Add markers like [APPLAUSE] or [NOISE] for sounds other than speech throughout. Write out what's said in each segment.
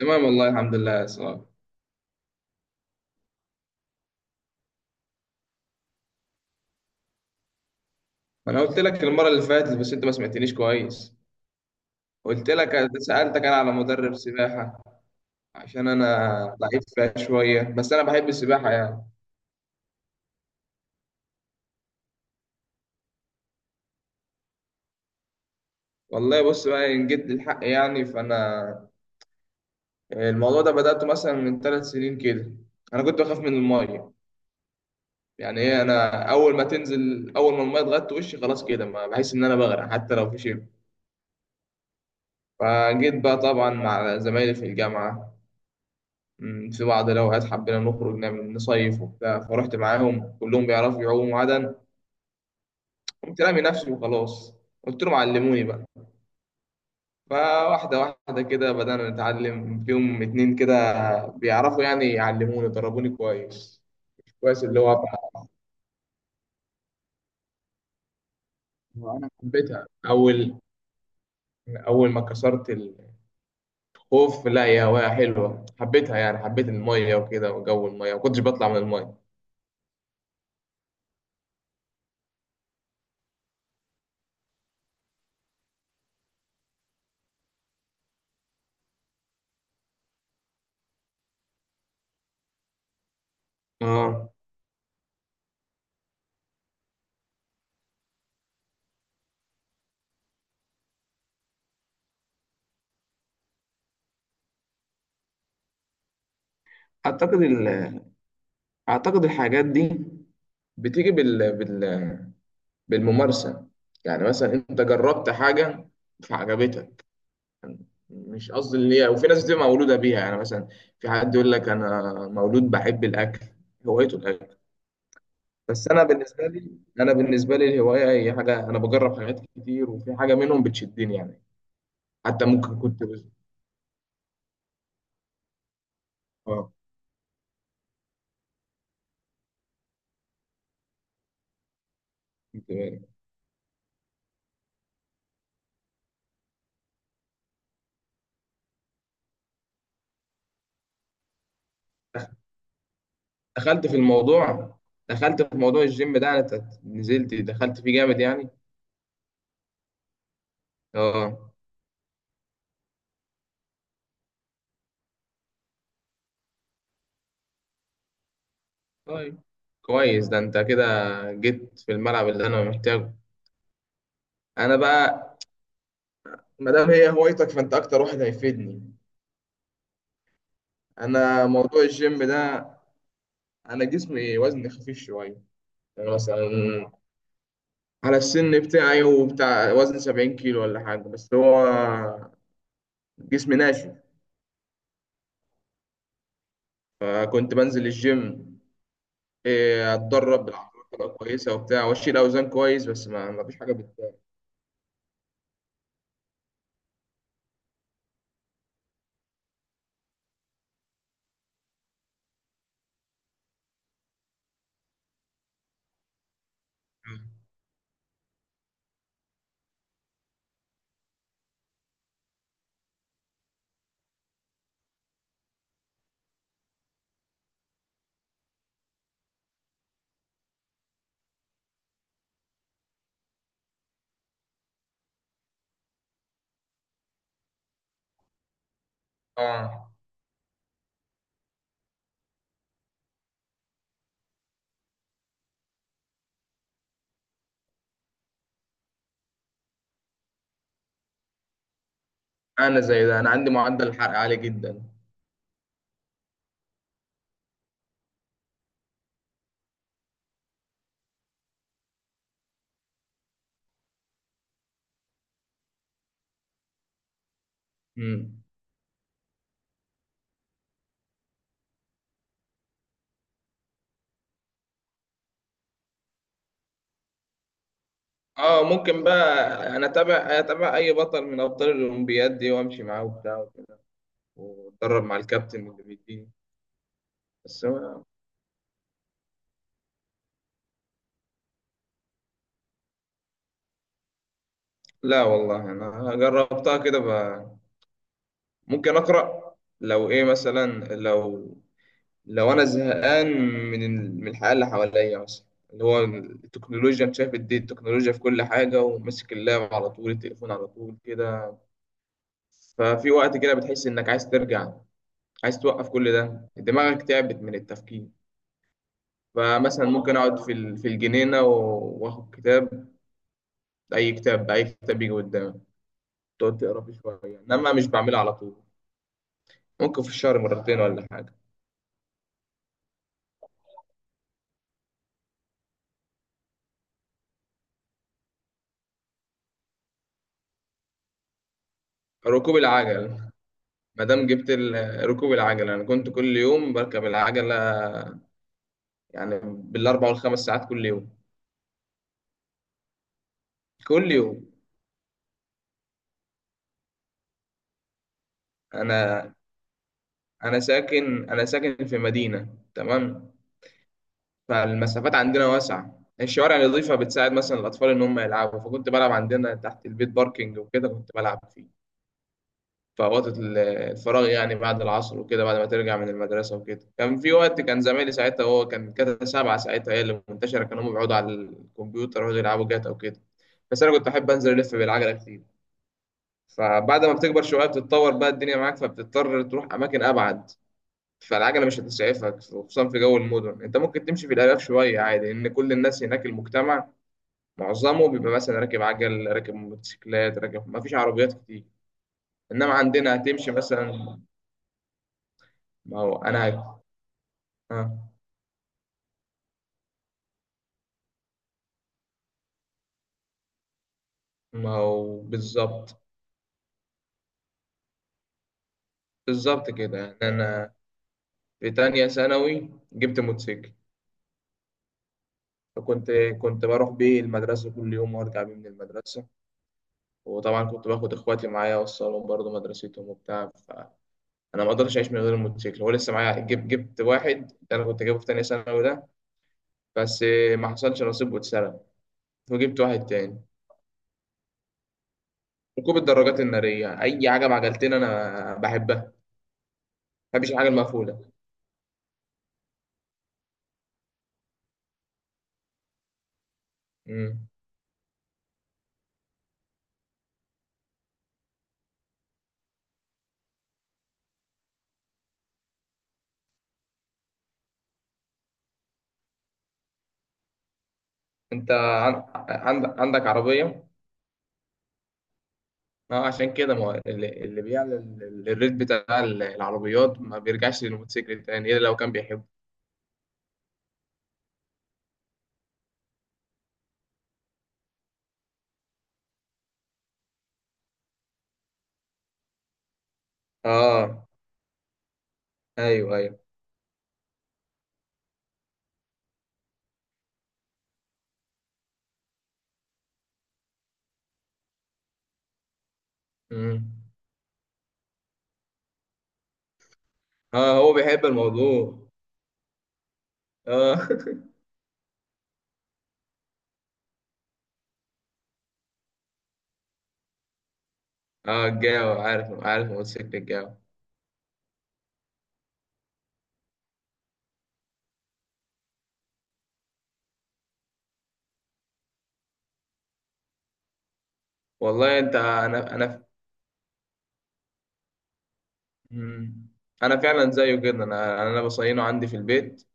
تمام، والله الحمد لله يا سلام. ما انا قلت لك المره اللي فاتت بس انت ما سمعتنيش كويس. قلت لك سالتك انا على مدرب سباحه عشان انا ضعيف فيها شويه، بس انا بحب السباحه يعني. والله بص بقى ان جد الحق يعني، فانا الموضوع ده بداته مثلا من 3 سنين كده. انا كنت بخاف من الميه. يعني ايه، انا اول ما تنزل، اول ما الميه اتغطت وشي خلاص كده ما بحس ان انا بغرق حتى لو في شيء. فجيت بقى طبعا مع زمايلي في الجامعه، في بعض الأوقات حبينا نخرج نعمل نصيف وبتاع. فرحت معاهم كلهم بيعرفوا يعوموا عدن. قمت رامي نفسي وخلاص، قلت لهم علموني بقى. فواحدة واحدة كده بدأنا نتعلم، فيهم اتنين كده بيعرفوا يعني يعلموني، ضربوني كويس مش كويس اللي هو بقى. أنا حبيتها. أول أول ما كسرت الخوف، لا، يا هواية حلوة، حبيتها يعني، حبيت المية وكده وجو المية، ما كنتش بطلع من المية. اه. أعتقد ال... أعتقد الحاجات دي بتيجي بالممارسة. يعني مثلا انت جربت حاجة فعجبتك. مش قصدي اللي هي، وفي ناس بتبقى مولودة بيها، يعني مثلا في حد يقول لك انا مولود بحب الاكل، هوايته الاكل. بس انا بالنسبة لي الهواية هي حاجة، انا بجرب حاجات كتير وفي حاجة منهم بتشدني يعني. حتى ممكن كنت بز... اه. كنت بقى- دخلت في الموضوع، دخلت في موضوع الجيم ده. انا نزلت دخلت فيه جامد يعني. اه طيب، كويس ده، انت كده جيت في الملعب اللي انا محتاجه. انا بقى ما دام هي هوايتك فانت اكتر واحد هيفيدني. انا موضوع الجيم ده، انا جسمي وزني خفيف شويه. يعني مثلا على السن بتاعي وبتاع وزن 70 كيلو ولا حاجه، بس هو جسمي ناشف. فكنت بنزل الجيم، اتدرب بالعضلات تبقى كويسه وبتاع، واشيل اوزان كويس، بس ما فيش حاجه بت. اه، انا زي ده، انا عندي معدل الحرق عالي جدا. مم. اه ممكن بقى، انا اتابع اي بطل من ابطال الاولمبياد دي وامشي معاه وبتاع وكده، واتدرب مع الكابتن واللي بيديني. بس ما- لا والله انا جربتها كده بقى. ممكن اقرا لو ايه، مثلا لو انا زهقان من من الحياه اللي حواليا مثلا، اللي هو التكنولوجيا. انت شايف دي التكنولوجيا في كل حاجه، وماسك اللاب على طول، التليفون على طول كده. ففي وقت كده بتحس انك عايز ترجع، عايز توقف كل ده، دماغك تعبت من التفكير. فمثلا ممكن اقعد في في الجنينه، واخد كتاب، اي كتاب يجي قدامي، تقعد تقرا فيه شويه، انما مش بعملها على طول. ممكن في الشهر مرتين ولا حاجه. ركوب العجل، ما دام جبت ركوب العجل، انا كنت كل يوم بركب العجله يعني بال4 و5 ساعات كل يوم، كل يوم. انا انا ساكن، انا ساكن في مدينه تمام، فالمسافات عندنا واسعه، الشوارع النظيفة بتساعد مثلا الأطفال إن هم يلعبوا. فكنت بلعب عندنا تحت البيت باركينج وكده، كنت بلعب فيه في أوقات الفراغ يعني بعد العصر وكده، بعد ما ترجع من المدرسة وكده. كان في وقت كان زمايلي ساعتها، هو كان جاتا سبعة ساعتها هي اللي منتشرة، كانوا هم بيقعدوا على الكمبيوتر ويقعدوا يلعبوا جاتا وكده، بس أنا كنت أحب أنزل ألف بالعجلة كتير. فبعد ما بتكبر شوية بتتطور بقى الدنيا معاك، فبتضطر تروح أماكن أبعد. فالعجلة مش هتسعفك خصوصا في جو المدن، أنت ممكن تمشي في الآلاف شوية عادي، لأن كل الناس هناك المجتمع معظمه بيبقى مثلا راكب عجل، راكب موتوسيكلات، راكب، مفيش عربيات كتير. إنما عندنا هتمشي مثلا. ما هو انا، اه، ما هو بالظبط. بالظبط كده يعني، انا في تانية ثانوي جبت موتوسيكل. فكنت بروح بيه المدرسة كل يوم وارجع بيه من المدرسة. وطبعا كنت باخد اخواتي معايا اوصلهم برضه مدرستهم وبتاع، فانا ما اقدرش اعيش من غير الموتوسيكل. هو لسه معايا، جبت واحد ده انا كنت جايبه في تانية ثانوي ده، بس ما حصلش نصيب واتسرق، فجبت واحد تاني. ركوب الدراجات النارية، اي حاجة بعجلتين انا بحبها، ما بحبش الحاجة المقفولة. مم. انت عندك عربية؟ ما هو عشان كده. ما هو اللي، اللي بيعلى الريت بتاع العربيات ما بيرجعش للموتوسيكل تاني الا لو كان بيحبه. اه، ايوه، ايوه. امم. اه هو بيحب الموضوع. اه. [LAUGHS] اه الجو، عارف، عارف موتوسيكل الجو. والله انت، انا. مم. انا فعلا زيه جدا، انا بصينه عندي في البيت.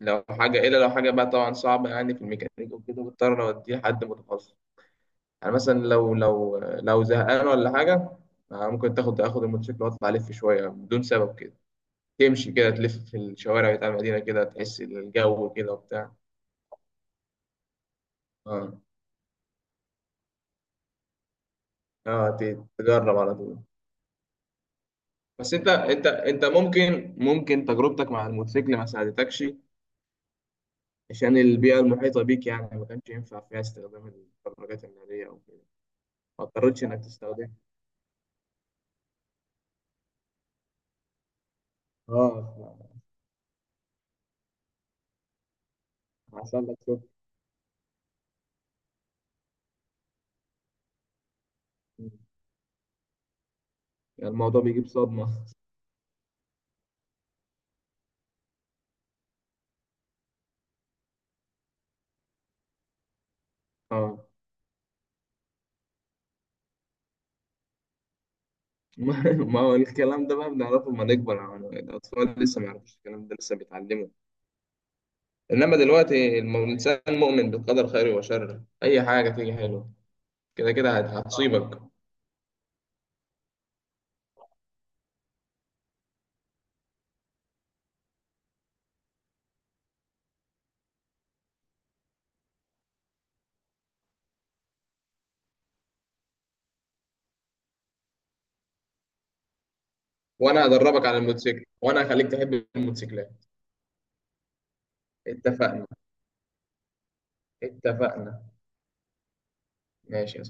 لو حاجه، الا لو حاجه بقى طبعا صعبه يعني في الميكانيك وكده، بضطر اوديه لحد متخصص. يعني مثلا لو زهقان ولا حاجة. ممكن اخد الموتوسيكل واطلع الف شوية بدون سبب كده، تمشي كده تلف في الشوارع بتاع المدينة كده، تحس الجو كده وبتاع. اه. اه تجرب على طول. بس انت ممكن تجربتك مع الموتوسيكل ما ساعدتكش عشان البيئة المحيطة بيك يعني، ما كانش ينفع فيها استخدام البرمجات النارية او كده. ما اضطرتش انك تستخدم. اه، حصل لك شوك. يعني الموضوع بيجيب صدمة. [LAUGHS] اه. [LAUGHS] ما ما هو الكلام ده بقى بنعرفه لما نكبر يعني، الأطفال لسه ما يعرفوش الكلام ده، لسه بيتعلموا. إنما دلوقتي الإنسان مؤمن بالقدر خيره وشره، أي حاجة تيجي حلوة كده كده هتصيبك. وأنا هدربك على الموتوسيكل، وأنا هخليك تحب الموتوسيكلات. اتفقنا، اتفقنا. ماشي.